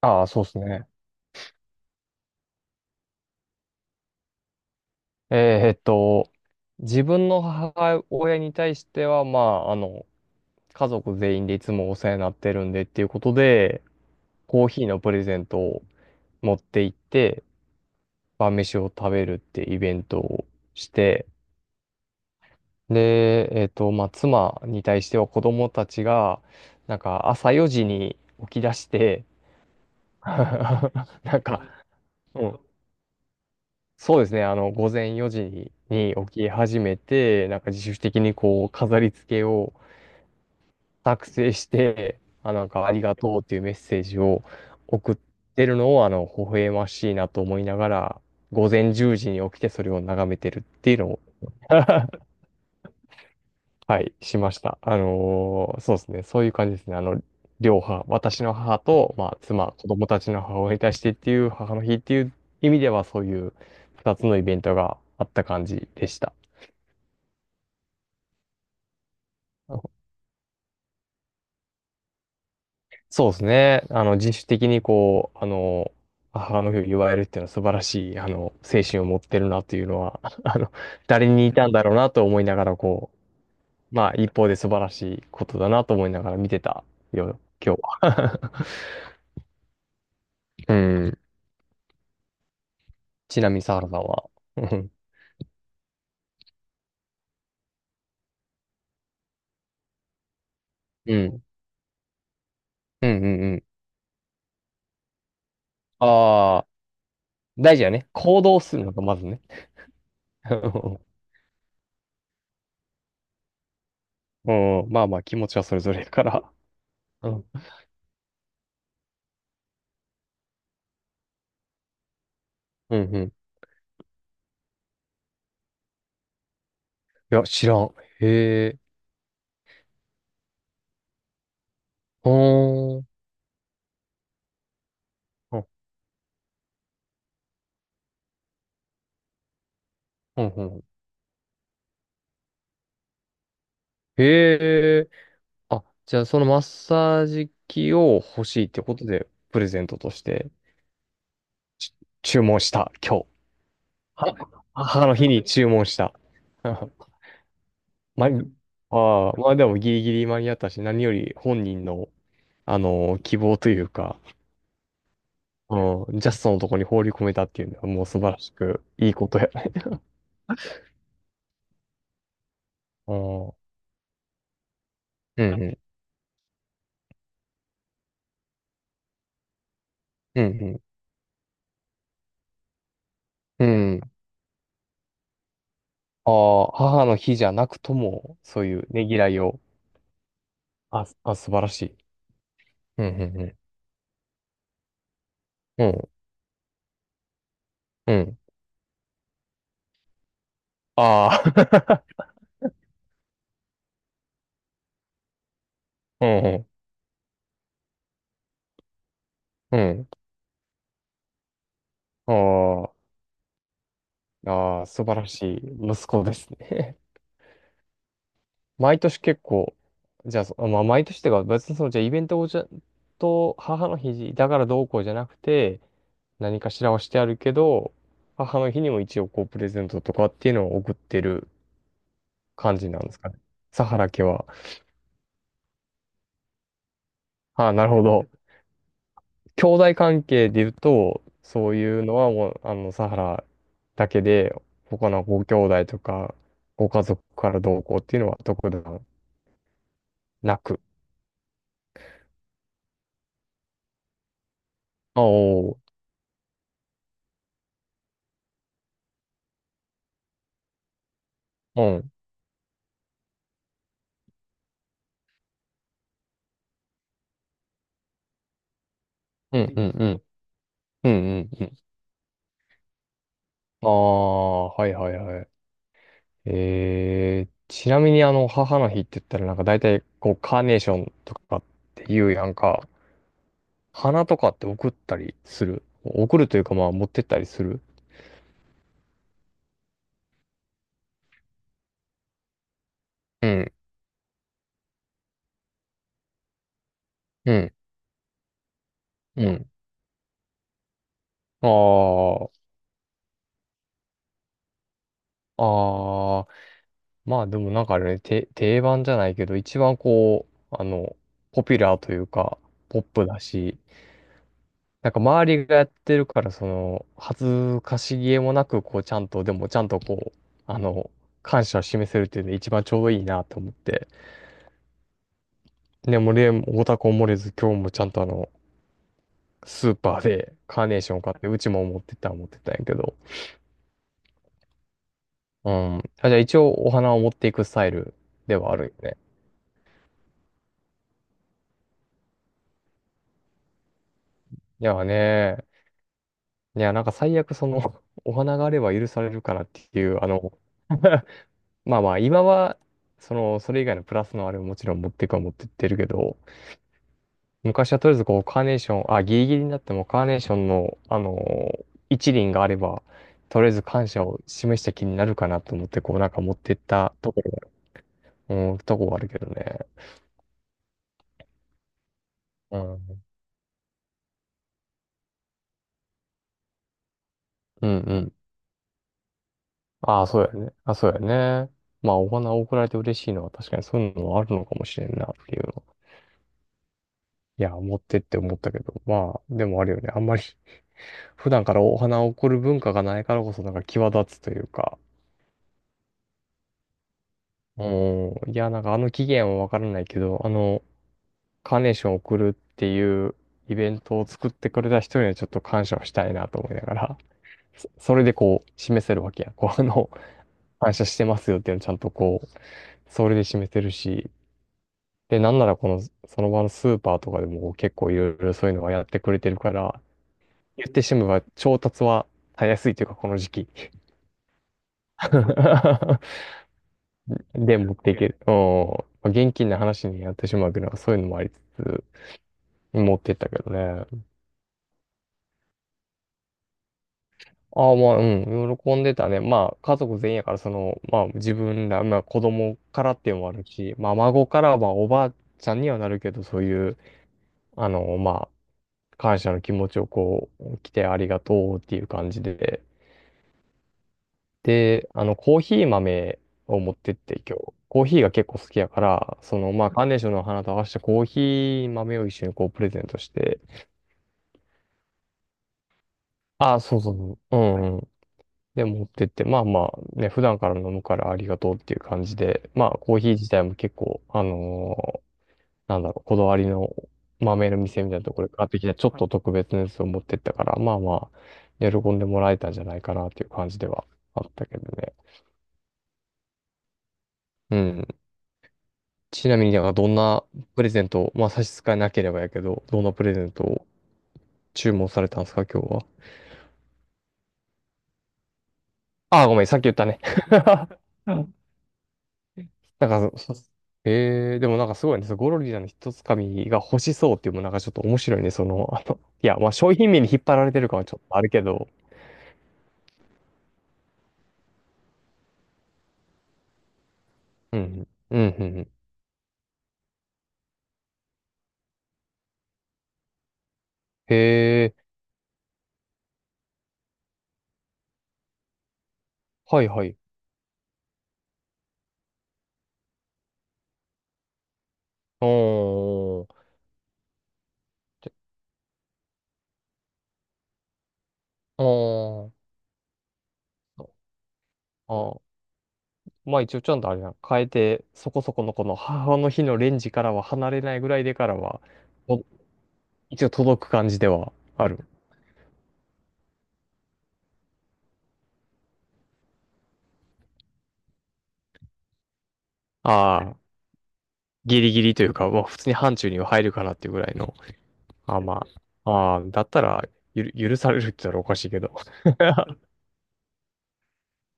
ああ、そうですね。えーっと、自分の母親に対しては、まあ、家族全員でいつもお世話になってるんでっていうことで、コーヒーのプレゼントを持って行って、晩飯を食べるってイベントをして、で、まあ、妻に対しては子供たちが、なんか朝4時に起き出して、なんか、うんそうですね。午前4時に起き始めて、なんか自主的にこう、飾り付けを作成して、あ、なんかありがとうっていうメッセージを送ってるのを、微笑ましいなと思いながら、午前10時に起きてそれを眺めてるっていうのを はい、しました。そうですね。そういう感じですね。両母、私の母と、まあ、妻、子供たちの母親に対してっていう、母の日っていう意味では、そういう2つのイベントがあった感じでした。そうですね。自主的にこう、母の日を祝えるっていうのは素晴らしい、精神を持ってるなというのは、誰に似たんだろうなと思いながら、こう、まあ、一方で素晴らしいことだなと思いながら見てたよ、今日は。うん。ちなみに、サ原さんは？うん。うん。うん。うんうん。ああ、大事やね。行動するのがまずね。うん。うんまあまあ、気持ちはそれぞれだから。うん。うん。うん。いや、知らん。へえ。ほーん。ほんほんほん。へえ。あ、じゃあそのマッサージ機を欲しいってことで、プレゼントとしてち注文した、今日。は、母の日に注文した。ああ、まあでもギリギリ間に合ったし、何より本人の、希望というか、うん、ジャストのとこに放り込めたっていうのはもう素晴らしくいいことやね。うん、うん、うん、うん、うん。うん。ああ、母の日じゃなくとも、そういうねぎらいを、あ、素晴らしい。うん、うん、うん。うん、うん。ああ、うん、うん、うん。あーあー、素晴らしい息子ですね。毎年結構、じゃあ、まあ、毎年っていうか、別にその、じゃあイベントをじゃ、と、母の日だからどうこうじゃなくて、何かしらはしてあるけど、母の日にも一応こう、プレゼントとかっていうのを送ってる感じなんですかね。サハラ家は？ああ、なるほど。兄弟関係で言うと、そういうのはもう、サハラだけで、他のご兄弟とか、ご家族からどうこうっていうのは特段なく。あおうん、うん、うん、うん、うん、うん。うん。ああ、はいはいはい。ちなみに母の日って言ったらなんか大体、こう、カーネーションとかっていうやんか、花とかって送ったりする。送るというかまあ、持ってったりする。うん、うん、うん。ああ、ああ、まあでもなんかあれね、定番じゃないけど、一番こう、ポピュラーというか、ポップだし、なんか周りがやってるから、その、恥ずかしげもなく、こう、ちゃんと、でもちゃんとこう、あの、感謝を示せるっていうのが一番ちょうどいいなと思って。でもね、俺オタクも漏れず、今日もちゃんとスーパーでカーネーション買って、うちも持ってったら持ってったんやけど。うん。あ、じゃあ一応お花を持っていくスタイルではあるよね。いやね、いや、なんか最悪その、お花があれば許されるかなっていう、まあまあ、今は、その、それ以外のプラスのあれももちろん持っていくは持ってってるけど、昔はとりあえずこう、カーネーション、あ、ギリギリになってもカーネーションの、一輪があれば、とりあえず感謝を示した気になるかなと思って、こう、なんか持ってったところ、うん、とこがあるけどね。うん。うんうん。ああ、そうやね。あ、そうやね。まあ、お花を贈られて嬉しいのは確かにそういうのもあるのかもしれんなっていう。いや、持ってって思ったけど、まあ、でもあるよね。あんまり 普段からお花を贈る文化がないからこそ、なんか際立つというか、うん、いや、なんかあの期限はわからないけど、カーネーションを贈るっていうイベントを作ってくれた人にはちょっと感謝をしたいなと思いながら、それでこう、示せるわけや。こう、感謝してますよっていうのをちゃんとこう、それで示せるし、で、なんならこの、その場のスーパーとかでも結構いろいろそういうのはやってくれてるから、言ってしまえば調達はたやすいというか、この時期。で、持っていける。うん。まあ現金な話になってしまうけど、そういうのもありつつ、持ってったけどね。ああ、まあ、うん、喜んでたね。まあ、家族全員やから、その、まあ、自分ら、まあ、子供からっていうのもあるし、まあ、孫からはおばあちゃんにはなるけど、そういう、まあ、感謝の気持ちをこう、来てありがとうっていう感じで、で、コーヒー豆を持ってって今日、コーヒーが結構好きやから、その、まあ、カーネーションの花と合わせてコーヒー豆を一緒にこうプレゼントして、ああ、そうそうそう、うんうん。で、持ってって、まあまあ、ね、普段から飲むからありがとうっていう感じで、まあ、コーヒー自体も結構、ーなんだろう、こだわりの豆の店みたいなところで買ってきた、ちょっと特別なやつを持ってったから、まあまあ、喜んでもらえたんじゃないかなっていう感じではあったけどね。うん。ちなみに、なんかどんなプレゼント、まあ差し支えなければやけど、どんなプレゼントを注文されたんですか、今日は。ああ、ごめん、さっき言ったね。うん。なんか、そそえー、でもなんかすごいね、そのゴロリラの一つかみが欲しそうっていうのもなんかちょっと面白いね、その、いや、まあ商品名に引っ張られてる感はちょっとあるけど、うん、うん、うん、うん。へえ、はい、はい。おー、じおー、あ、まあ一応ちゃんとあれやん、変えて、そこそこのこの母の日のレンジからは離れないぐらいでからは、と一応届く感じではある。ああ、ギリギリというか、まあ普通に範疇には入るかなっていうぐらいの。ああまあ、ああ、だったら許されるって言ったらおかしいけど。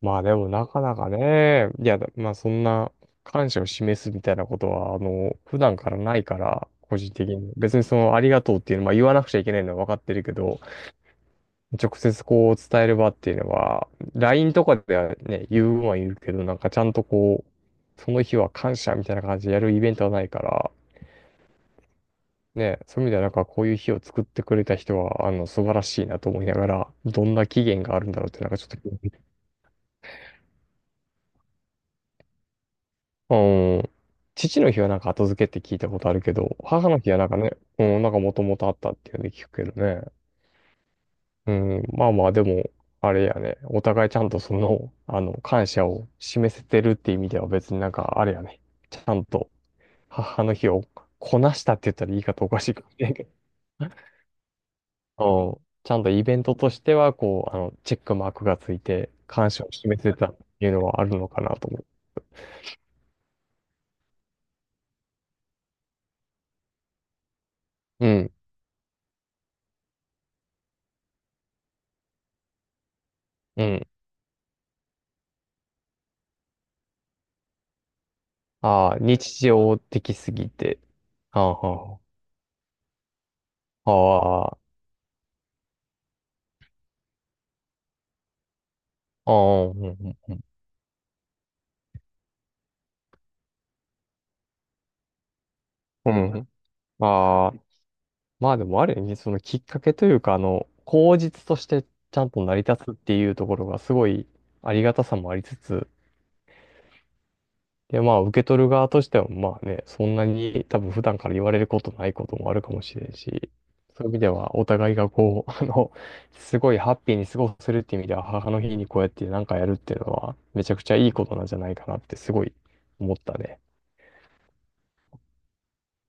まあでもなかなかね、いや、まあそんな感謝を示すみたいなことは、普段からないから、個人的に。別にその、ありがとうっていうのは、まあ言わなくちゃいけないのは分かってるけど、直接こう伝える場っていうのは、LINE とかではね、言うは言うけど、なんかちゃんとこう、その日は感謝みたいな感じでやるイベントはないから、ね、そういう意味ではなんかこういう日を作ってくれた人は、素晴らしいなと思いながら、どんな期限があるんだろうってなんかちょっと気になる、うん。父の日はなんか後付けって聞いたことあるけど、母の日はなんかね、うん、なんかもともとあったっていうので聞くけどね。うん、まあまあ、でも、あれやね。お互いちゃんとその、感謝を示せてるっていう意味では別になんか、あれやね。ちゃんと、母の日をこなしたって言ったら言い方おかしいかもしれんけど。うん。ちゃんとイベントとしては、こう、チェックマークがついて、感謝を示せたっていうのはあるのかなと思う。うん、うん。ああ、日常的すぎて。ああ、ああ、ああ、うん、うん、うん。うん。ああ、まあでもある意味、そのきっかけというか、口実としてちゃんと成り立つっていうところがすごいありがたさもありつつ、で、まあ受け取る側としては、まあね、そんなに多分普段から言われることないこともあるかもしれんし、そういう意味ではお互いがこう、すごいハッピーに過ごせるっていう意味では、母の日にこうやってなんかやるっていうのは、めちゃくちゃいいことなんじゃないかなってすごい思ったね。